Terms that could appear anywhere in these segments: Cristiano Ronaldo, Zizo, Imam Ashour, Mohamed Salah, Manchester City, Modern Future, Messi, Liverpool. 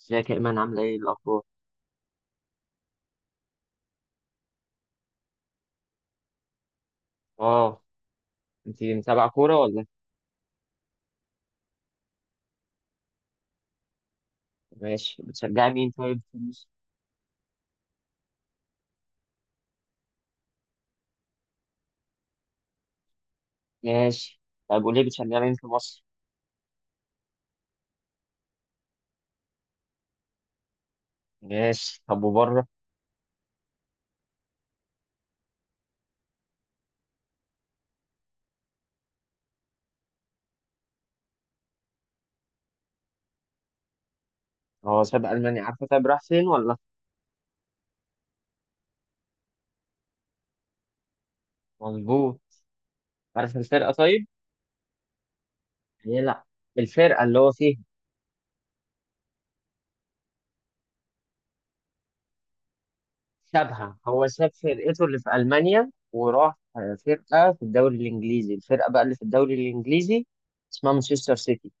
ازيك يا ايمان؟ عامله ايه؟ الاخبار اه انت متابعه كوره ولا؟ ماشي. بتشجعي مين طيب في مصر؟ ماشي، طب قولي بتشجعي مين في مصر؟ ماشي، طب وبره؟ هو ساب المانيا، عارفه؟ طيب راح فين ولا؟ مظبوط. عارف الفرقه طيب؟ هي لا، الفرقه اللي هو فيها سابها، هو ساب فرقته اللي في المانيا وراح فرقه في الدوري الانجليزي. الفرقه بقى اللي في الدوري الانجليزي اسمها مانشستر سيتي.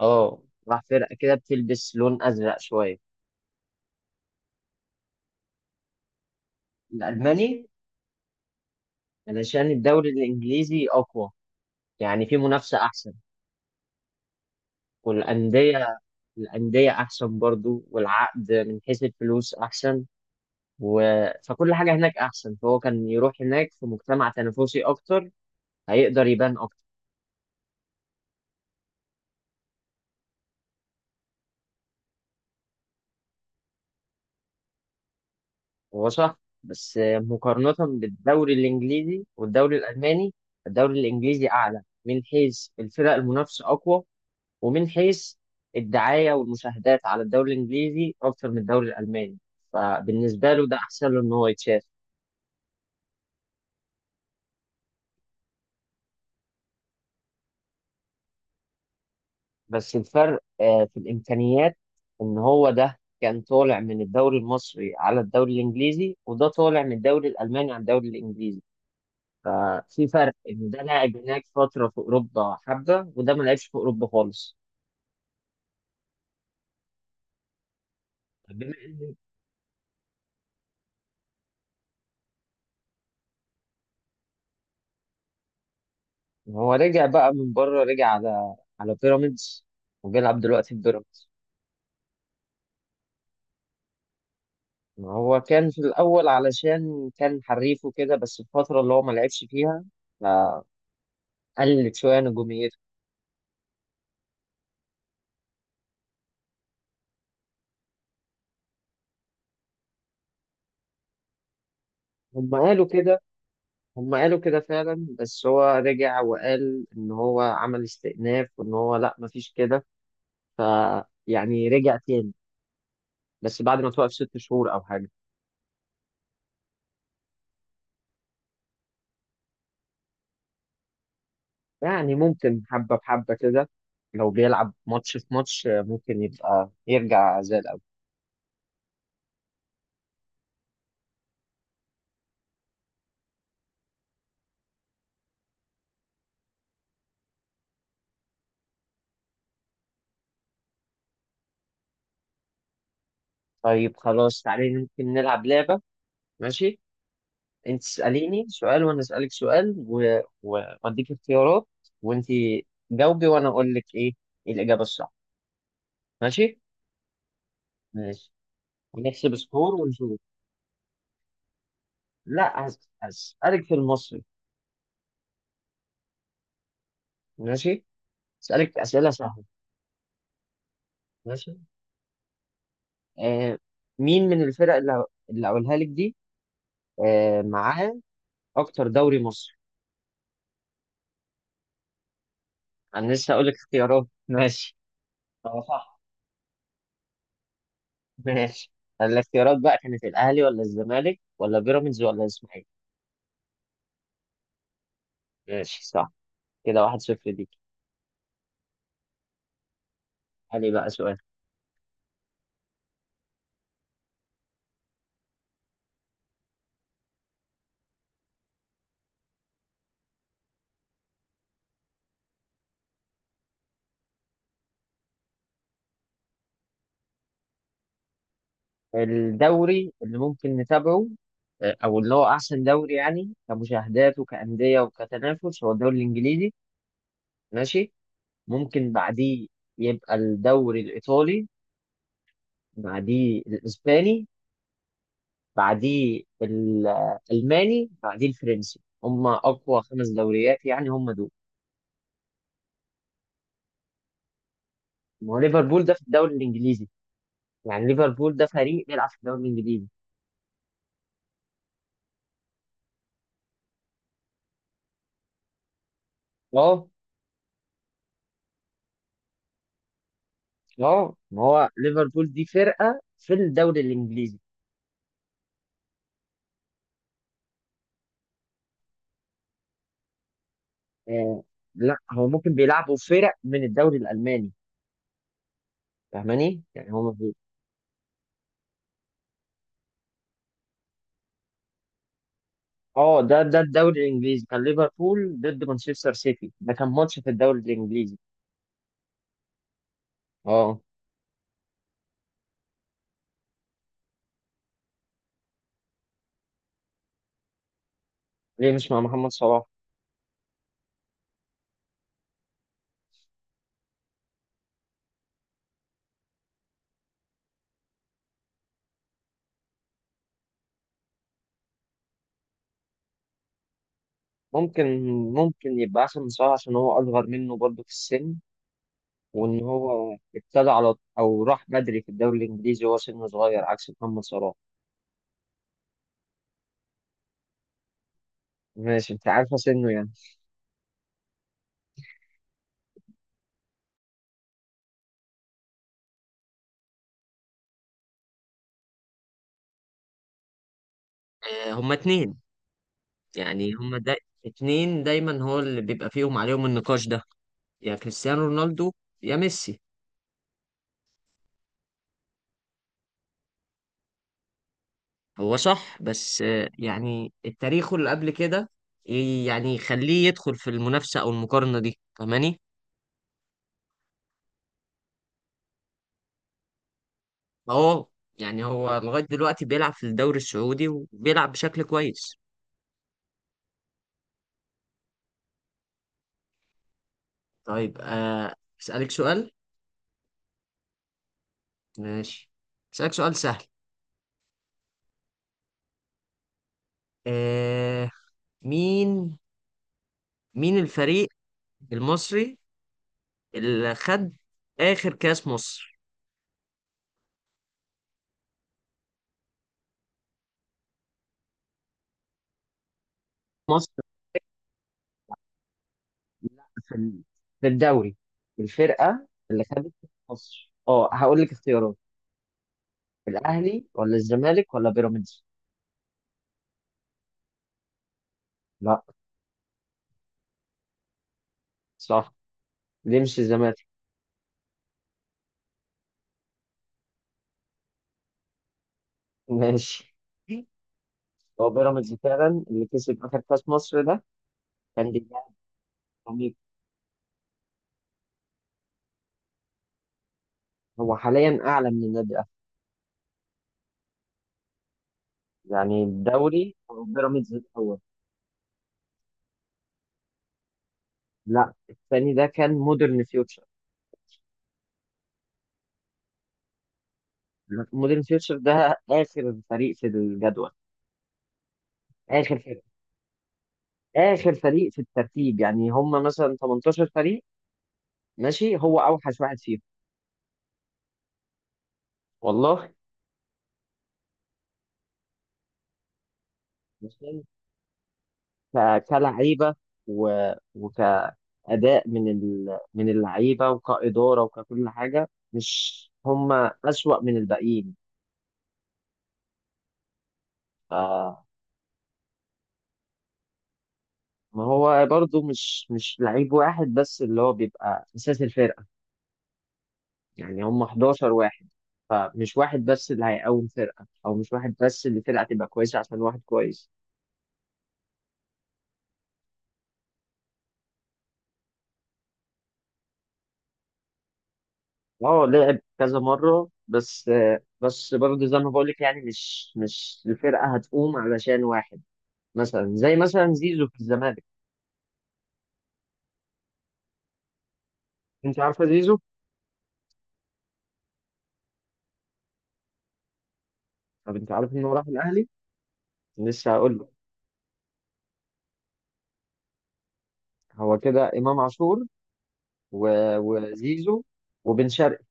اه، راح فرقه كده بتلبس لون ازرق شويه. الالماني، علشان الدوري الإنجليزي أقوى، يعني في منافسة أحسن والأندية، الأندية أحسن برضو، والعقد من حيث الفلوس أحسن و... فكل حاجة هناك أحسن، فهو كان يروح هناك في مجتمع تنافسي أكتر، هيقدر يبان أكتر. هو صح، بس مقارنة بالدوري الإنجليزي والدوري الألماني، الدوري الإنجليزي أعلى من حيث الفرق، المنافسة أقوى، ومن حيث الدعاية والمشاهدات على الدوري الإنجليزي أكتر من الدوري الألماني، فبالنسبة له ده أحسن له إن هو يتشاف. بس الفرق في الإمكانيات، إن هو ده كان طالع من الدوري المصري على الدوري الإنجليزي، وده طالع من الدوري الألماني على الدوري الإنجليزي، ففي فرق إن ده لاعب هناك فترة في أوروبا حبة، وده ما لعبش في أوروبا خالص. طب بما إن هو رجع بقى من بره، رجع على بيراميدز وبيلعب دلوقتي في بيراميدز. ما هو كان في الأول علشان كان حريف وكده، بس الفترة اللي هو ما لعبش فيها فقلت شوية نجوميته. هم قالوا كده، هم قالوا كده فعلا، بس هو رجع وقال إن هو عمل استئناف وإن هو لأ، مفيش كده ف يعني رجع تاني، بس بعد ما توقف 6 شهور أو حاجة. يعني ممكن حبة بحبة كده، لو بيلعب ماتش في ماتش ممكن يبقى يرجع زي الأول. طيب خلاص، تعالي ممكن نلعب لعبة. ماشي، انت تساليني سؤال وانا اسالك سؤال واديك اختيارات، وانت جاوبي، وانا اقول لك ايه الاجابه الصح. ماشي. ماشي، ونحسب سكور ونشوف. لا، هسالك في المصري. ماشي. اسالك اسئله سهله. ماشي. آه، مين من الفرق اللي اقولها لك دي آه معاه اكتر دوري مصري؟ انا لسه اقول لك اختيارات ماشي. اه صح. ماشي، الاختيارات بقى كانت الاهلي ولا الزمالك ولا بيراميدز ولا الاسماعيلي؟ ماشي، صح. كده 1-0 ليك. علي بقى سؤال. الدوري اللي ممكن نتابعه آه، او اللي هو احسن دوري يعني كمشاهدات وكأندية وكتنافس هو الدوري الانجليزي. ماشي. ممكن بعديه يبقى الدوري الايطالي، بعديه الاسباني، بعديه الالماني، بعديه الفرنسي، هم اقوى 5 دوريات، يعني هم دول. ما هو ليفربول ده في الدوري الانجليزي، يعني ليفربول ده فريق بيلعب في الدوري الانجليزي. اه. اه، ما هو ليفربول دي فرقه في الدوري الانجليزي. آه، لا هو ممكن بيلعبوا فرق من الدوري الالماني، فاهماني؟ يعني هو مفيش. اه، ده الدوري الانجليزي كان ليفربول ضد مانشستر سيتي، ده كان ماتش في الدوري الانجليزي. اه. ليه مش مع محمد صلاح؟ ممكن، ممكن يبقى احسن من صلاح عشان هو اصغر منه برضه في السن، وان هو ابتدى على او راح بدري في الدوري الانجليزي وهو سنه صغير عكس محمد صلاح. ماشي، انت عارفه سنه يعني. آه، هما اتنين. يعني هما دا اتنين دايما هو اللي بيبقى فيهم عليهم النقاش ده، يا كريستيانو رونالدو يا ميسي. هو صح، بس آه، يعني التاريخ اللي قبل كده يعني يخليه يدخل في المنافسة أو المقارنة دي، فاهماني؟ فهو يعني هو لغاية دلوقتي بيلعب في الدوري السعودي وبيلعب بشكل كويس. طيب آه، أسألك سؤال. ماشي. أسألك سؤال سهل. آه، مين مين الفريق المصري اللي خد آخر كأس مصر؟ مصر، في ال- في الدوري، الفرقة اللي خدت مصر. اه، هقول لك اختيارات: الاهلي ولا الزمالك ولا بيراميدز؟ لا. صح. دي مش الزمالك. ماشي. هو بيراميدز فعلا اللي كسب اخر كاس مصر ده. كان بيلعب فريق. هو حاليا اعلى من النادي الاهلي، يعني الدوري هو بيراميدز الاول. لا، الثاني ده كان مودرن فيوتشر. مودرن فيوتشر ده اخر فريق في الجدول، اخر فريق، اخر فريق في الترتيب، يعني هم مثلا 18 فريق. ماشي، هو اوحش واحد فيهم. والله. ماشي. كلعيبه و... وكاداء من اللعيبه وكاداره وككل حاجه، مش هم اسوأ من الباقيين ف... ما هو برضو مش لعيب واحد بس اللي هو بيبقى اساس الفرقه، يعني هم 11 واحد، فمش واحد بس اللي هيقوم فرقه، او مش واحد بس اللي فرقه تبقى كويسه عشان واحد كويس. اه، لعب كذا مرة بس. بس برضه زي ما بقولك، يعني مش الفرقة هتقوم علشان واحد، مثلا زي مثلا زيزو في الزمالك. انت عارفة زيزو؟ طب انت عارف انه راح الأهلي؟ لسه هقول لك. هو كده إمام عاشور و... وزيزو وبن شرقي.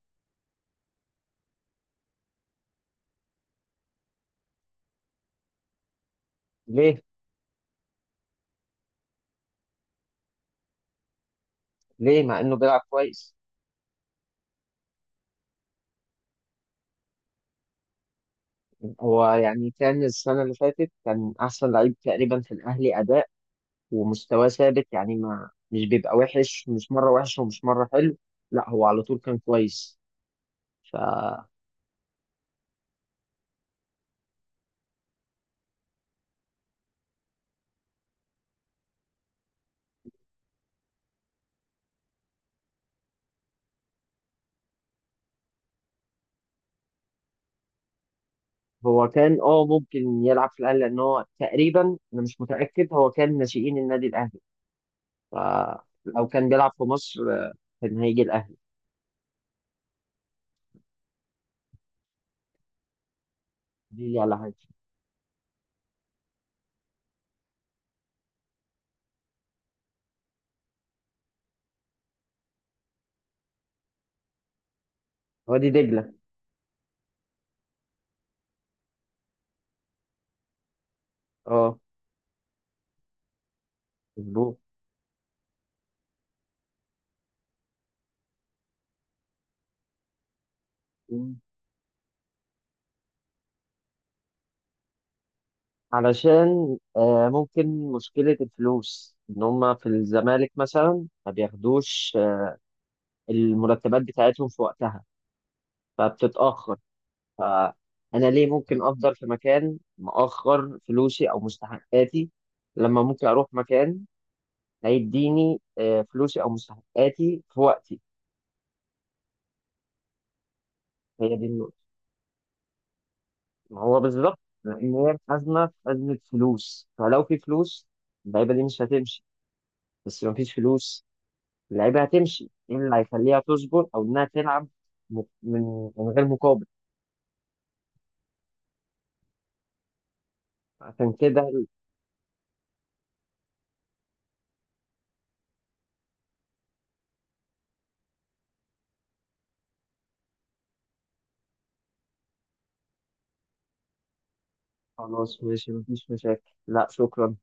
ليه؟ ليه مع انه بيلعب كويس؟ هو يعني كان السنة اللي فاتت كان أحسن لعيب تقريبا في الأهلي أداء، ومستواه ثابت، يعني ما مش بيبقى وحش، مش مرة وحش ومش مرة حلو، لا هو على طول كان كويس. فهو كان اه ممكن يلعب في الاهلي، لان هو تقريبا، انا مش متاكد، هو كان ناشئين النادي الاهلي، فلو كان بيلعب في مصر آه، كان هيجي الاهلي. دي لي على حاجه. وادي دجله. اه، مظبوط. مم. علشان آه ممكن مشكله الفلوس، ان هم في الزمالك مثلا ما بياخدوش آه، المرتبات بتاعتهم في وقتها، فبتتاخر، فانا ليه ممكن افضل في مكان مأخر فلوسي او مستحقاتي، لما ممكن اروح مكان هيديني آه، فلوسي او مستحقاتي في وقتي. هي دي النقطه، ما هو بالظبط، لان هي الخزنه، في خزنه فلوس، فلو في فلوس اللعيبه دي مش هتمشي، بس لو مفيش فلوس اللعيبه هتمشي. ايه اللي هيخليها تصبر او انها تلعب من غير مقابل؟ عشان كده. خلاص ماشي، مفيش مشاكل، لا شكرا.